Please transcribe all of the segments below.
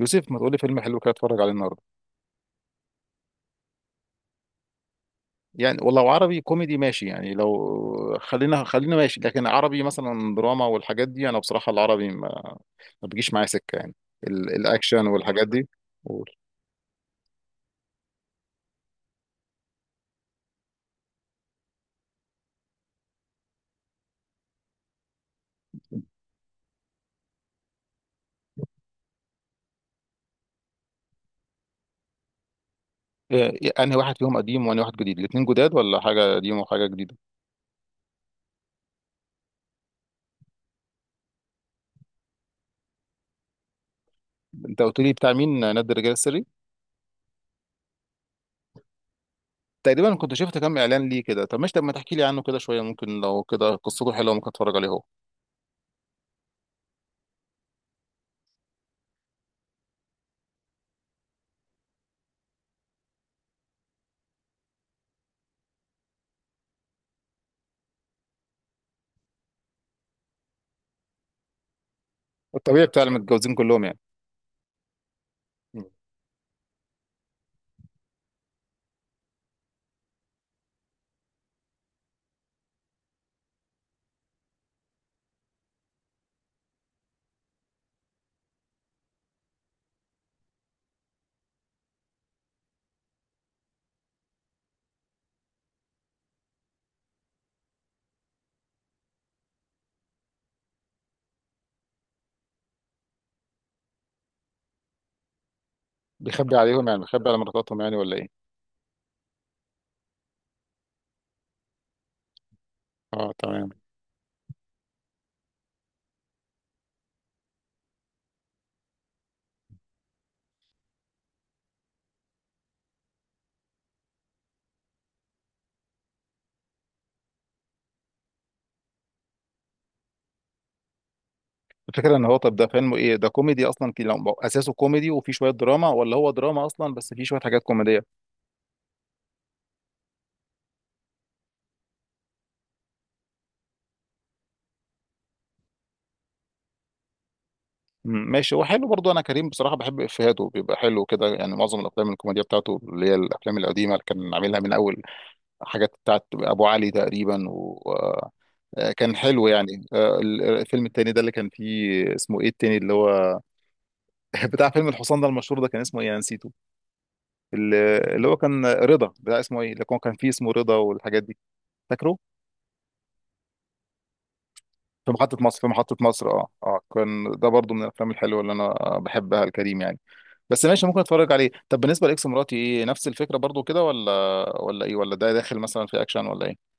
يوسف، ما تقول لي فيلم حلو كده اتفرج عليه النهارده. يعني ولو عربي كوميدي ماشي، يعني لو خلينا ماشي، لكن عربي مثلا دراما والحاجات دي انا بصراحه العربي ما بيجيش معايا سكه يعني. الاكشن والحاجات دي. قول. إيه، انهي واحد فيهم قديم وانهي واحد جديد؟ الاثنين جداد ولا حاجه قديم وحاجه جديده؟ انت قلت لي بتاع مين نادي الرجال السري؟ تقريبا كنت شفت كام اعلان ليه كده. طب ماشي، طب ما تحكي لي عنه كده شويه، ممكن لو كده قصته حلوه ممكن اتفرج عليه هو. الطبيعي بتاع المتجوزين كلهم يعني. مم. بيخبي عليهم يعني، بيخبي على مراتاتهم يعني، ولا ايه؟ اه تمام. الفكرة ان هو، طب ده فيلم ايه ده، كوميدي اصلا لو اساسه كوميدي وفي شوية دراما، ولا هو دراما اصلا بس فيه شوية حاجات كوميدية؟ ماشي، هو حلو برضو. انا كريم بصراحة بحب افيهاته، بيبقى حلو كده يعني، معظم الافلام الكوميدية بتاعته اللي هي الافلام القديمة اللي كان عاملها من اول حاجات بتاعت ابو علي تقريبا، وكان حلو يعني. الفيلم التاني ده اللي كان فيه اسمه ايه، التاني اللي هو بتاع فيلم الحصان ده المشهور ده، كان اسمه ايه، انا نسيته. اللي هو كان رضا، بتاع اسمه ايه اللي هو كان فيه اسمه رضا والحاجات دي، فاكره؟ في محطة مصر، في محطة مصر، اه اه، كان ده برضو من الافلام الحلوة اللي انا بحبها الكريم يعني. بس ماشي، ممكن اتفرج عليه. طب بالنسبة لاكس مراتي، ايه، نفس الفكرة برضو كده، ولا ايه، ولا ده داخل مثلا في اكشن ولا ايه؟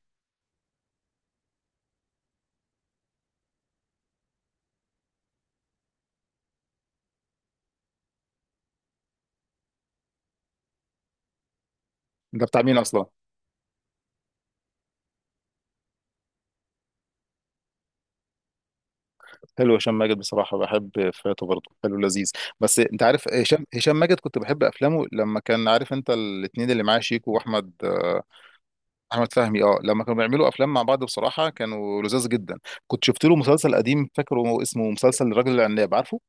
ده بتاع مين اصلا؟ حلو، هشام ماجد بصراحة بحب فاته برضو، حلو لذيذ. بس انت عارف هشام، ماجد كنت بحب افلامه، لما كان عارف انت الاتنين اللي معاه شيكو واحمد، احمد فهمي اه، لما كانوا بيعملوا افلام مع بعض بصراحة كانوا لذاذ جدا. كنت شفت له مسلسل قديم، فاكره اسمه، مسلسل الرجل العناب، عارفه؟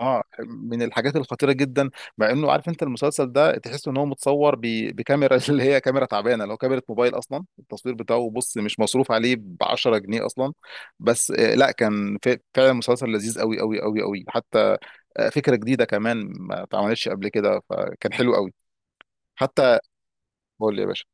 اه، من الحاجات الخطيره جدا. مع انه، عارف انت المسلسل ده تحس ان هو متصور بكاميرا اللي هي كاميرا تعبانه، لو كاميرا موبايل اصلا، التصوير بتاعه بص مش مصروف عليه ب 10 جنيه اصلا. بس لا كان فعلا مسلسل لذيذ قوي قوي قوي قوي حتى. فكره جديده كمان ما اتعملتش قبل كده، فكان حلو قوي حتى. قول لي يا باشا.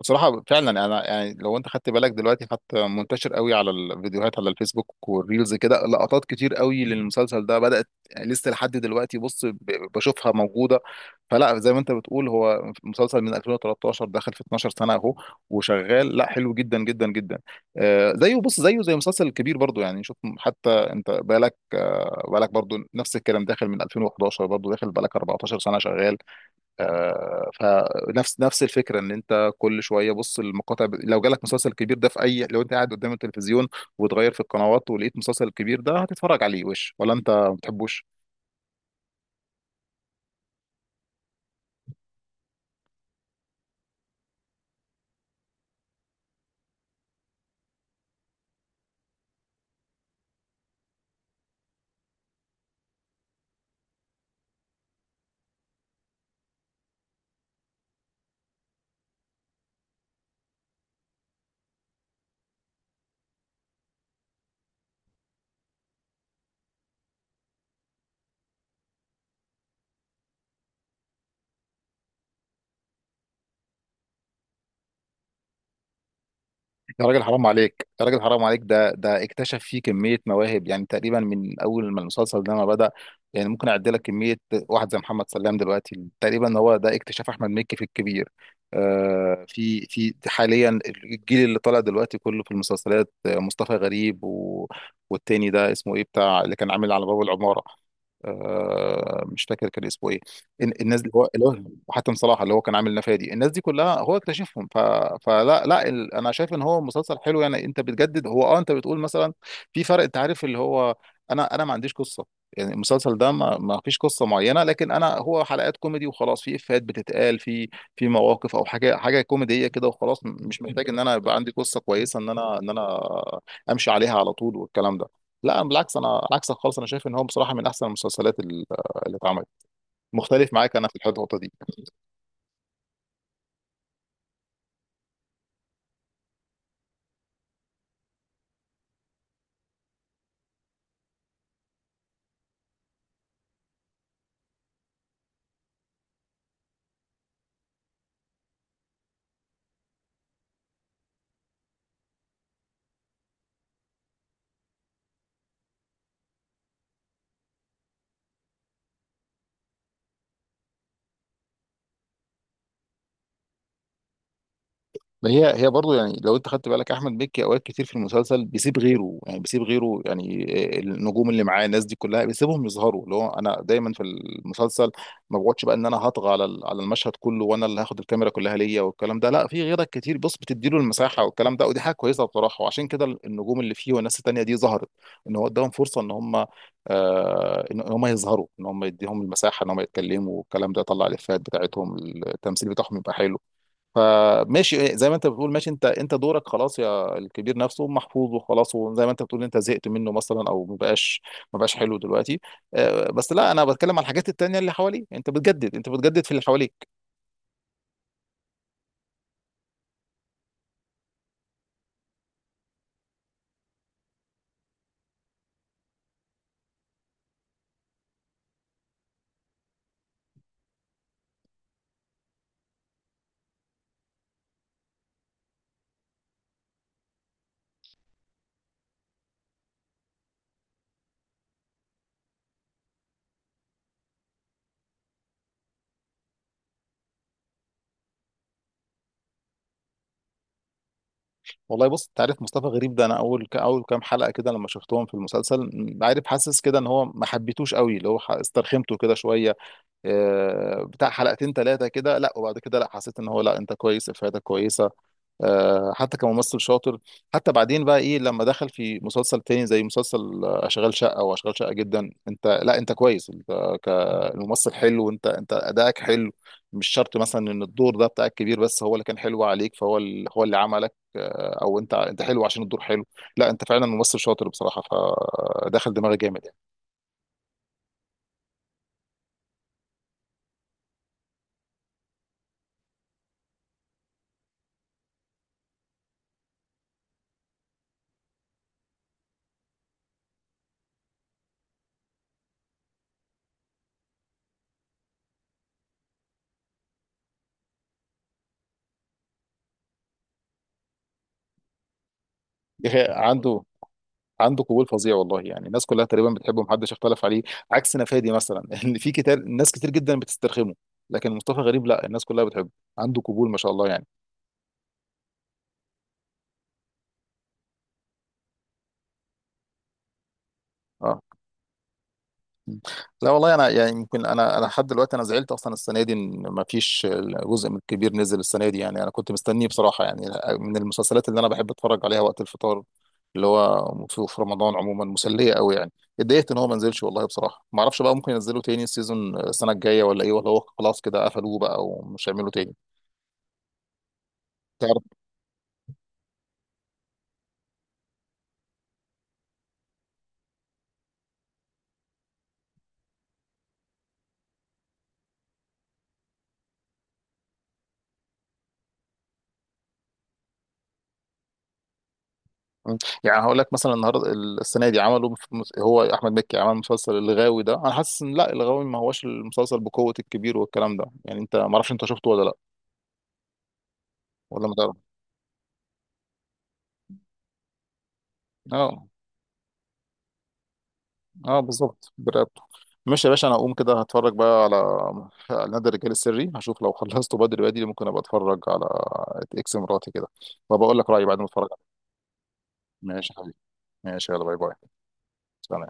بصراحة فعلا انا يعني، لو انت خدت بالك دلوقتي حتى، منتشر قوي على الفيديوهات، على الفيسبوك والريلز كده، لقطات كتير قوي للمسلسل ده بدأت لسه لحد دلوقتي، بص بشوفها موجودة. فلا، زي ما انت بتقول، هو مسلسل من 2013، داخل في 12 سنة اهو وشغال، لا حلو جدا جدا جدا. آه زيه، بص زيه زي مسلسل كبير برضو يعني، شوف حتى انت بالك، آه بالك برضو نفس الكلام، داخل من 2011 برضو، داخل بالك 14 سنة شغال. آه، فنفس الفكره ان انت كل شويه بص المقاطع، لو جالك مسلسل كبير ده في اي، لو انت قاعد قدام التلفزيون وتغير في القنوات ولقيت مسلسل كبير ده، هتتفرج عليه وش ولا انت ما بتحبوش؟ يا راجل حرام عليك، يا راجل حرام عليك، ده اكتشف فيه كمية مواهب يعني، تقريبا من أول ما المسلسل ده ما بدأ. يعني ممكن أعد لك كمية. واحد زي محمد سلام دلوقتي، تقريبا هو ده اكتشاف أحمد مكي في الكبير. آه، في حاليا الجيل اللي طالع دلوقتي كله في المسلسلات، مصطفى غريب، و والتاني ده اسمه إيه بتاع اللي كان عامل على باب العمارة، آه مش فاكر كان اسمه إيه، الناس اللي هو. وحاتم صلاح اللي هو كان عامل نفادي، الناس دي كلها هو اكتشفهم. فلا لا، انا شايف ان هو مسلسل حلو يعني، انت بتجدد. هو اه، انت بتقول مثلا في فرق، انت عارف اللي هو، انا ما عنديش قصه يعني، المسلسل ده ما فيش قصه معينه، لكن انا هو حلقات كوميدي وخلاص، في افيهات بتتقال في في مواقف او حاجه، حاجه كوميديه كده وخلاص، مش محتاج ان انا يبقى عندي قصه كويسه، ان انا امشي عليها على طول والكلام ده. لا بالعكس، انا عكسك خالص، انا شايف ان هو بصراحه من احسن المسلسلات اللي اتعملت. مختلف معاك انا في الحته دي. ما هي هي برضه يعني، لو انت خدت بالك احمد مكي اوقات كتير في المسلسل بيسيب غيره، يعني بيسيب غيره يعني، النجوم اللي معاه الناس دي كلها بيسيبهم يظهروا. اللي هو انا دايما في المسلسل ما بقعدش بقى ان انا هطغى على على المشهد كله، وانا اللي هاخد الكاميرا كلها ليا والكلام ده، لا في غيرك كتير بص، بتديله المساحه والكلام ده، ودي حاجه كويسه بصراحه، وعشان كده النجوم اللي فيه والناس التانيه دي ظهرت، ان هو اداهم فرصه ان هم، ان هم يظهروا، ان هم يديهم المساحه، ان هم يتكلموا والكلام ده، طلع الافيهات بتاعتهم، التمثيل بتاعهم يبقى حلو. فماشي، إيه، زي ما انت بتقول ماشي، انت دورك خلاص يا الكبير، نفسه محفوظ وخلاص، وزي ما انت بتقول انت زهقت منه مثلا، او ما بقاش حلو دلوقتي. بس لا، انا بتكلم على الحاجات التانية اللي حواليك، انت بتجدد، انت بتجدد في اللي حواليك. والله بص، انت عارف مصطفى غريب ده، انا اول اول كام حلقة كده لما شفتهم في المسلسل، عارف، حاسس كده ان هو ما حبيتوش قوي، اللي هو استرخمته كده شوية. بتاع حلقتين ثلاثة كده، لا وبعد كده لا حسيت ان هو لا انت كويس، افادة كويسة. حتى كممثل شاطر. حتى بعدين بقى ايه لما دخل في مسلسل تاني زي مسلسل، اشغال شقة، واشغال شقة جدا، انت لا انت كويس، انت كممثل حلو، وانت ادائك حلو. مش شرط مثلا ان الدور ده بتاعك كبير، بس هو اللي كان حلو عليك، فهو هو اللي عملك، او انت حلو عشان الدور حلو. لا انت فعلا ممثل شاطر بصراحة، فدخل دماغي جامد يعني. إيه، عنده قبول فظيع والله يعني، الناس كلها تقريبا بتحبه، محدش اختلف عليه. عكس نفادي مثلا ان في كتير، ناس كتير جدا بتسترخمه، لكن مصطفى غريب لا الناس كلها بتحبه، عنده قبول ما شاء الله يعني. اه. مم. لا والله، انا يعني يمكن انا، لحد دلوقتي انا زعلت اصلا السنه دي ان ما فيش جزء من الكبير نزل السنه دي يعني، انا كنت مستنيه بصراحه يعني، من المسلسلات اللي انا بحب اتفرج عليها وقت الفطار، اللي هو في رمضان عموما مسليه قوي يعني. اتضايقت ان هو ما نزلش والله بصراحه، ما اعرفش بقى، ممكن ينزلوا تاني السيزون السنه الجايه ولا ايه، ولا هو خلاص كده قفلوه بقى ومش هيعملوا تاني؟ مم. يعني هقول لك مثلا، النهارده السنه دي عملوا هو احمد مكي عمل مسلسل الغاوي ده، انا حاسس ان لا، الغاوي ما هوش المسلسل بقوه الكبير والكلام ده يعني، انت ما اعرفش انت شفته ولا لا، ولا ما تعرف؟ اه. اه بالظبط برقبته. ماشي يا باشا، انا هقوم كده هتفرج بقى على، على نادي الرجال السري، هشوف لو خلصته بدري بدري، ممكن ابقى اتفرج على اكس مراتي كده، وبقول لك رايي بعد ما اتفرج عليه. ماشي يا حبيبي. ماشي يلا باي باي. سلام.